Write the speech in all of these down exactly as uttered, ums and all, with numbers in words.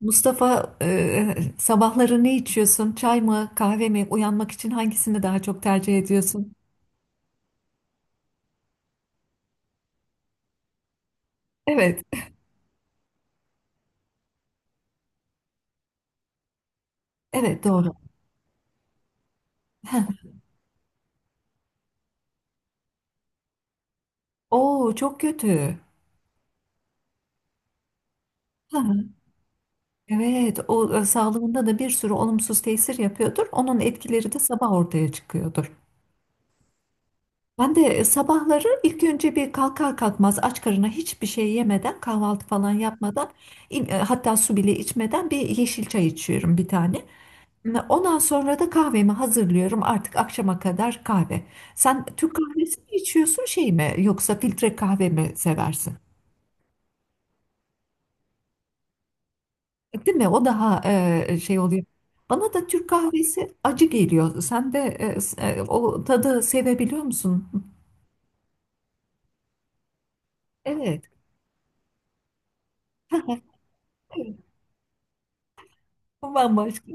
Mustafa, e, sabahları ne içiyorsun? Çay mı, kahve mi? Uyanmak için hangisini daha çok tercih ediyorsun? Evet, evet doğru. Oo, çok kötü. Ha, evet, o e, sağlığında da bir sürü olumsuz tesir yapıyordur. Onun etkileri de sabah ortaya çıkıyordur. Ben de e, sabahları ilk önce bir kalkar kalkmaz aç karına hiçbir şey yemeden, kahvaltı falan yapmadan, in- e, hatta su bile içmeden bir yeşil çay içiyorum bir tane. Ondan sonra da kahvemi hazırlıyorum. Artık akşama kadar kahve. Sen Türk kahvesi mi içiyorsun, şey mi, yoksa filtre kahve mi seversin? Değil mi? O daha e, şey oluyor. Bana da Türk kahvesi acı geliyor. Sen de e, s- e, o tadı sevebiliyor musun? Evet. Evet. Bambaşka.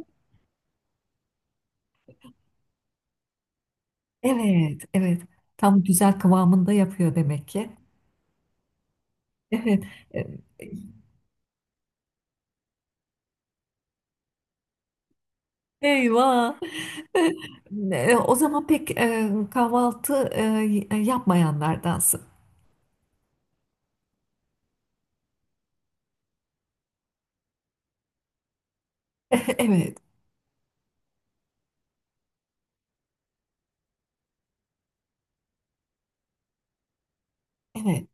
Evet, evet. Tam güzel kıvamında yapıyor demek ki. Evet. E, Eyvah. Ne, o zaman pek e, kahvaltı e, yapmayanlardansın. Evet, evet,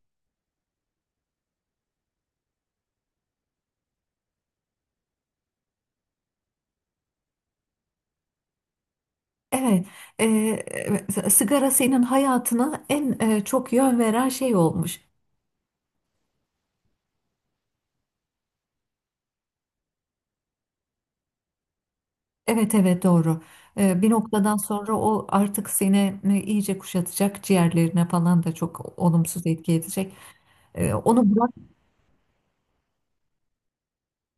evet. E, e, Sigara senin hayatına en e, çok yön veren şey olmuş. Evet, evet, doğru. E, bir noktadan sonra o artık seni e, iyice kuşatacak, ciğerlerine falan da çok olumsuz etki edecek. E, onu bırak.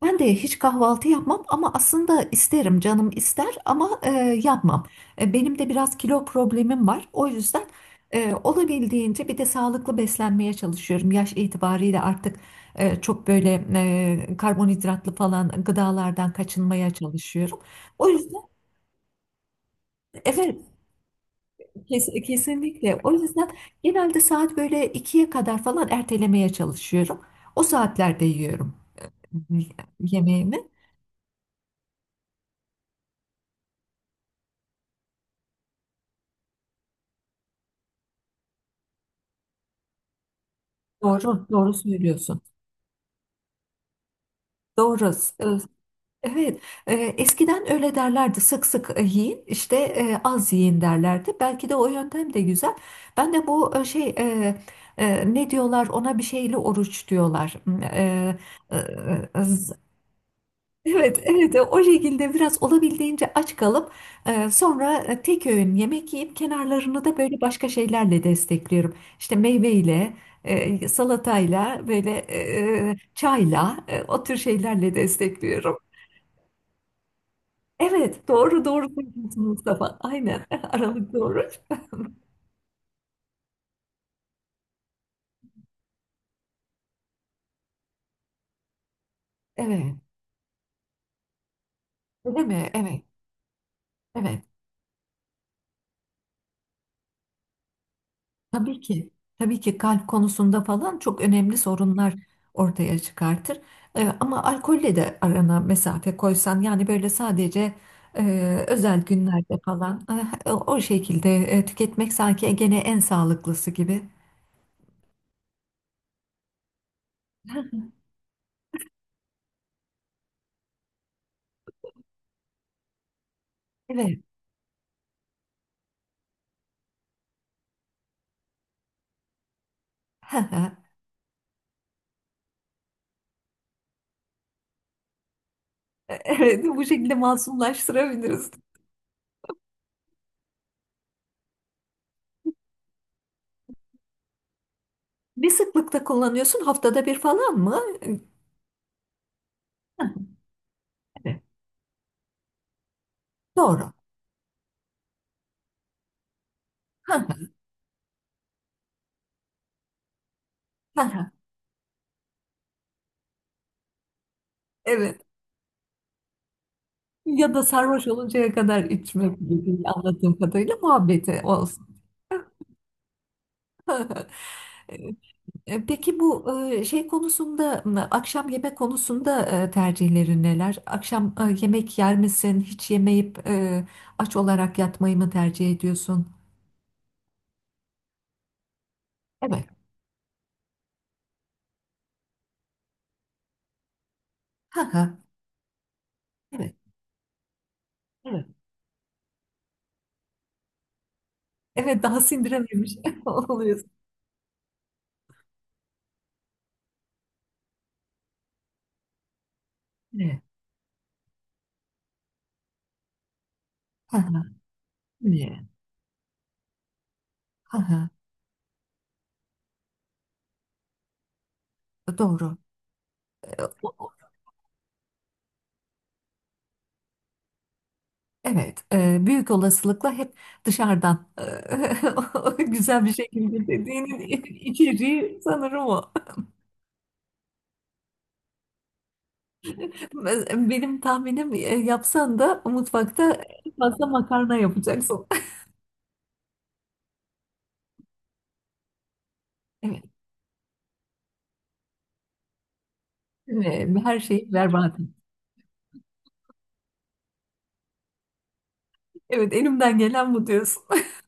Ben de hiç kahvaltı yapmam ama aslında isterim, canım ister ama e, yapmam. E, benim de biraz kilo problemim var. O yüzden e, olabildiğince bir de sağlıklı beslenmeye çalışıyorum. Yaş itibariyle artık e, çok böyle e, karbonhidratlı falan gıdalardan kaçınmaya çalışıyorum. O yüzden evet, kes- kesinlikle. O yüzden genelde saat böyle ikiye kadar falan ertelemeye çalışıyorum. O saatlerde yiyorum e, yemeğimi. Doğru, doğru söylüyorsun. Doğru. Ee, Evet. Ee, Eskiden öyle derlerdi. Sık sık e, yiyin, işte e, az yiyin derlerdi. Belki de o yöntem de güzel. Ben de bu e, şey, e, e, ne diyorlar ona, bir şeyli oruç diyorlar. Hmm, e, e, e, z- evet, evet. O şekilde biraz olabildiğince aç kalıp e, sonra e, tek öğün yemek yiyip kenarlarını da böyle başka şeylerle destekliyorum. İşte meyveyle, e, salatayla, böyle e, e, çayla, e, o tür şeylerle destekliyorum. Evet, doğru doğru söylüyorsun Mustafa. Aynen, aralık doğru. Evet, değil mi? Evet, evet. Tabii ki, tabii ki kalp konusunda falan çok önemli sorunlar ortaya çıkartır. Ee, ama alkolle de arana mesafe koysan, yani böyle sadece e, özel günlerde falan e, o o şekilde e, tüketmek sanki gene en sağlıklısı gibi. Evet, evet, bu şekilde masumlaştırabiliriz. Ne sıklıkta kullanıyorsun? Haftada bir falan mı? Evet. Doğru. Evet. Ya da sarhoş oluncaya kadar içmek gibi, anladığım kadarıyla muhabbeti olsun. E, e, Peki bu e, şey konusunda, m, akşam yemek konusunda e, tercihlerin neler? Akşam e, yemek yer misin? Hiç yemeyip, e, aç olarak yatmayı mı tercih ediyorsun? Evet. Ha ha. Evet. Evet. Evet, daha sindirememiş oluyorsun. Ne? Ha ha. Ne? Ha ha. Doğru. E, o- Evet, e, büyük olasılıkla hep dışarıdan e, güzel bir şekilde dediğinin içeriği sanırım o. Benim tahminim e, yapsan da mutfakta en fazla makarna yapacaksın. Evet, değil mi? Her şeyi berbat et. Evet, elimden gelen bu diyorsun.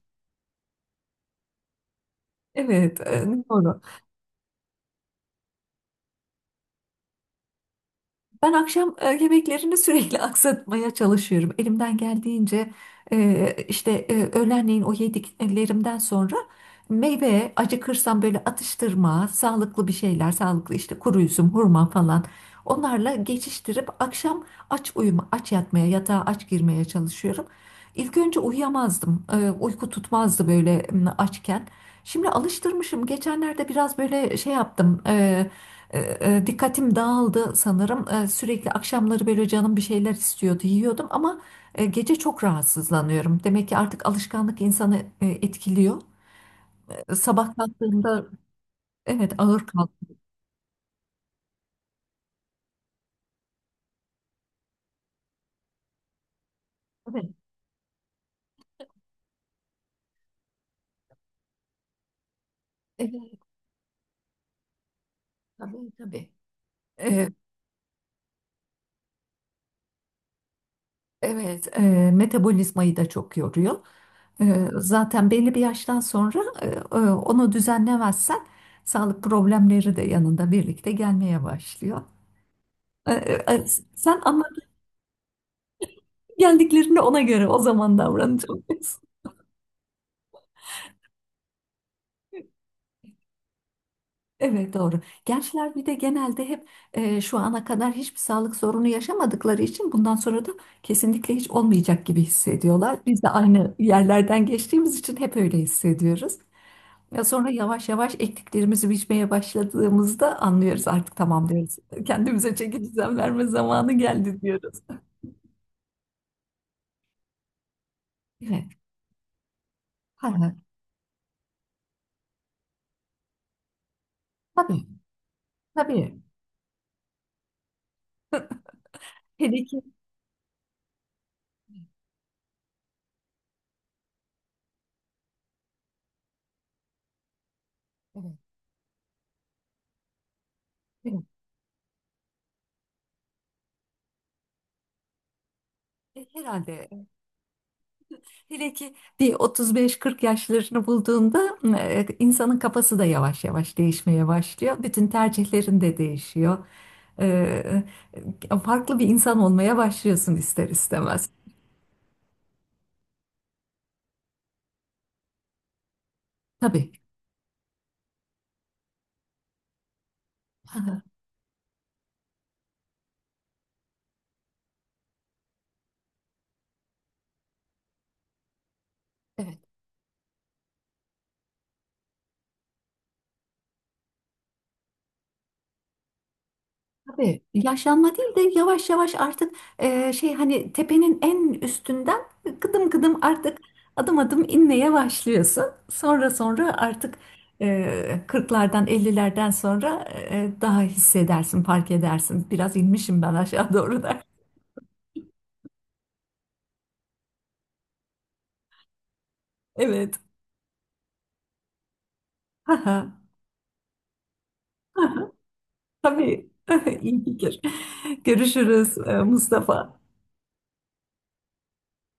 Evet, e, doğru. Ben akşam e, yemeklerini sürekli aksatmaya çalışıyorum. Elimden geldiğince e, işte e, öğlenleyin o yediklerimden sonra meyve, acıkırsam böyle atıştırma, sağlıklı bir şeyler, sağlıklı işte kuru üzüm, hurma falan, onlarla geçiştirip akşam aç uyuma, aç yatmaya, yatağa aç girmeye çalışıyorum. İlk önce uyuyamazdım. E, Uyku tutmazdı böyle, m, açken. Şimdi alıştırmışım. Geçenlerde biraz böyle şey yaptım. e, e, e, Dikkatim dağıldı sanırım. E, sürekli akşamları böyle canım bir şeyler istiyordu, yiyordum ama e, gece çok rahatsızlanıyorum. Demek ki artık alışkanlık insanı e, etkiliyor. E, sabah kalktığımda evet, ağır kalktım. Evet, evet, tabii tabii. E, evet, e, metabolizmayı da çok yoruyor. E, zaten belli bir yaştan sonra e, e, onu düzenlemezsen sağlık problemleri de yanında birlikte gelmeye başlıyor. E, e, e, sen Geldiklerinde ona göre o zaman davranacağım diyorsun. Evet doğru. Gençler bir de genelde hep e, şu ana kadar hiçbir sağlık sorunu yaşamadıkları için bundan sonra da kesinlikle hiç olmayacak gibi hissediyorlar. Biz de aynı yerlerden geçtiğimiz için hep öyle hissediyoruz. Ya sonra yavaş yavaş ektiklerimizi biçmeye başladığımızda anlıyoruz, artık tamam diyoruz. Kendimize çeki düzen verme zamanı geldi diyoruz. Evet. Ha, ha. Tabii. Tabii. Hele ki Evet. Evet. E, Herhalde hele ki bir otuz beş kırk yaşlarını bulduğunda e, insanın kafası da yavaş yavaş değişmeye başlıyor. Bütün tercihlerin de değişiyor. E, e, Farklı bir insan olmaya başlıyorsun, ister istemez. Tabii. Evet. Tabii, yaşlanma değil de yavaş yavaş artık e, şey, hani tepenin en üstünden kıdım kıdım, artık adım adım inmeye başlıyorsun. Sonra sonra artık e, kırklardan ellilerden sonra e, daha hissedersin, fark edersin. Biraz inmişim ben aşağı doğru da. Evet. Tabii. İyi fikir. Görüşürüz, e, Mustafa.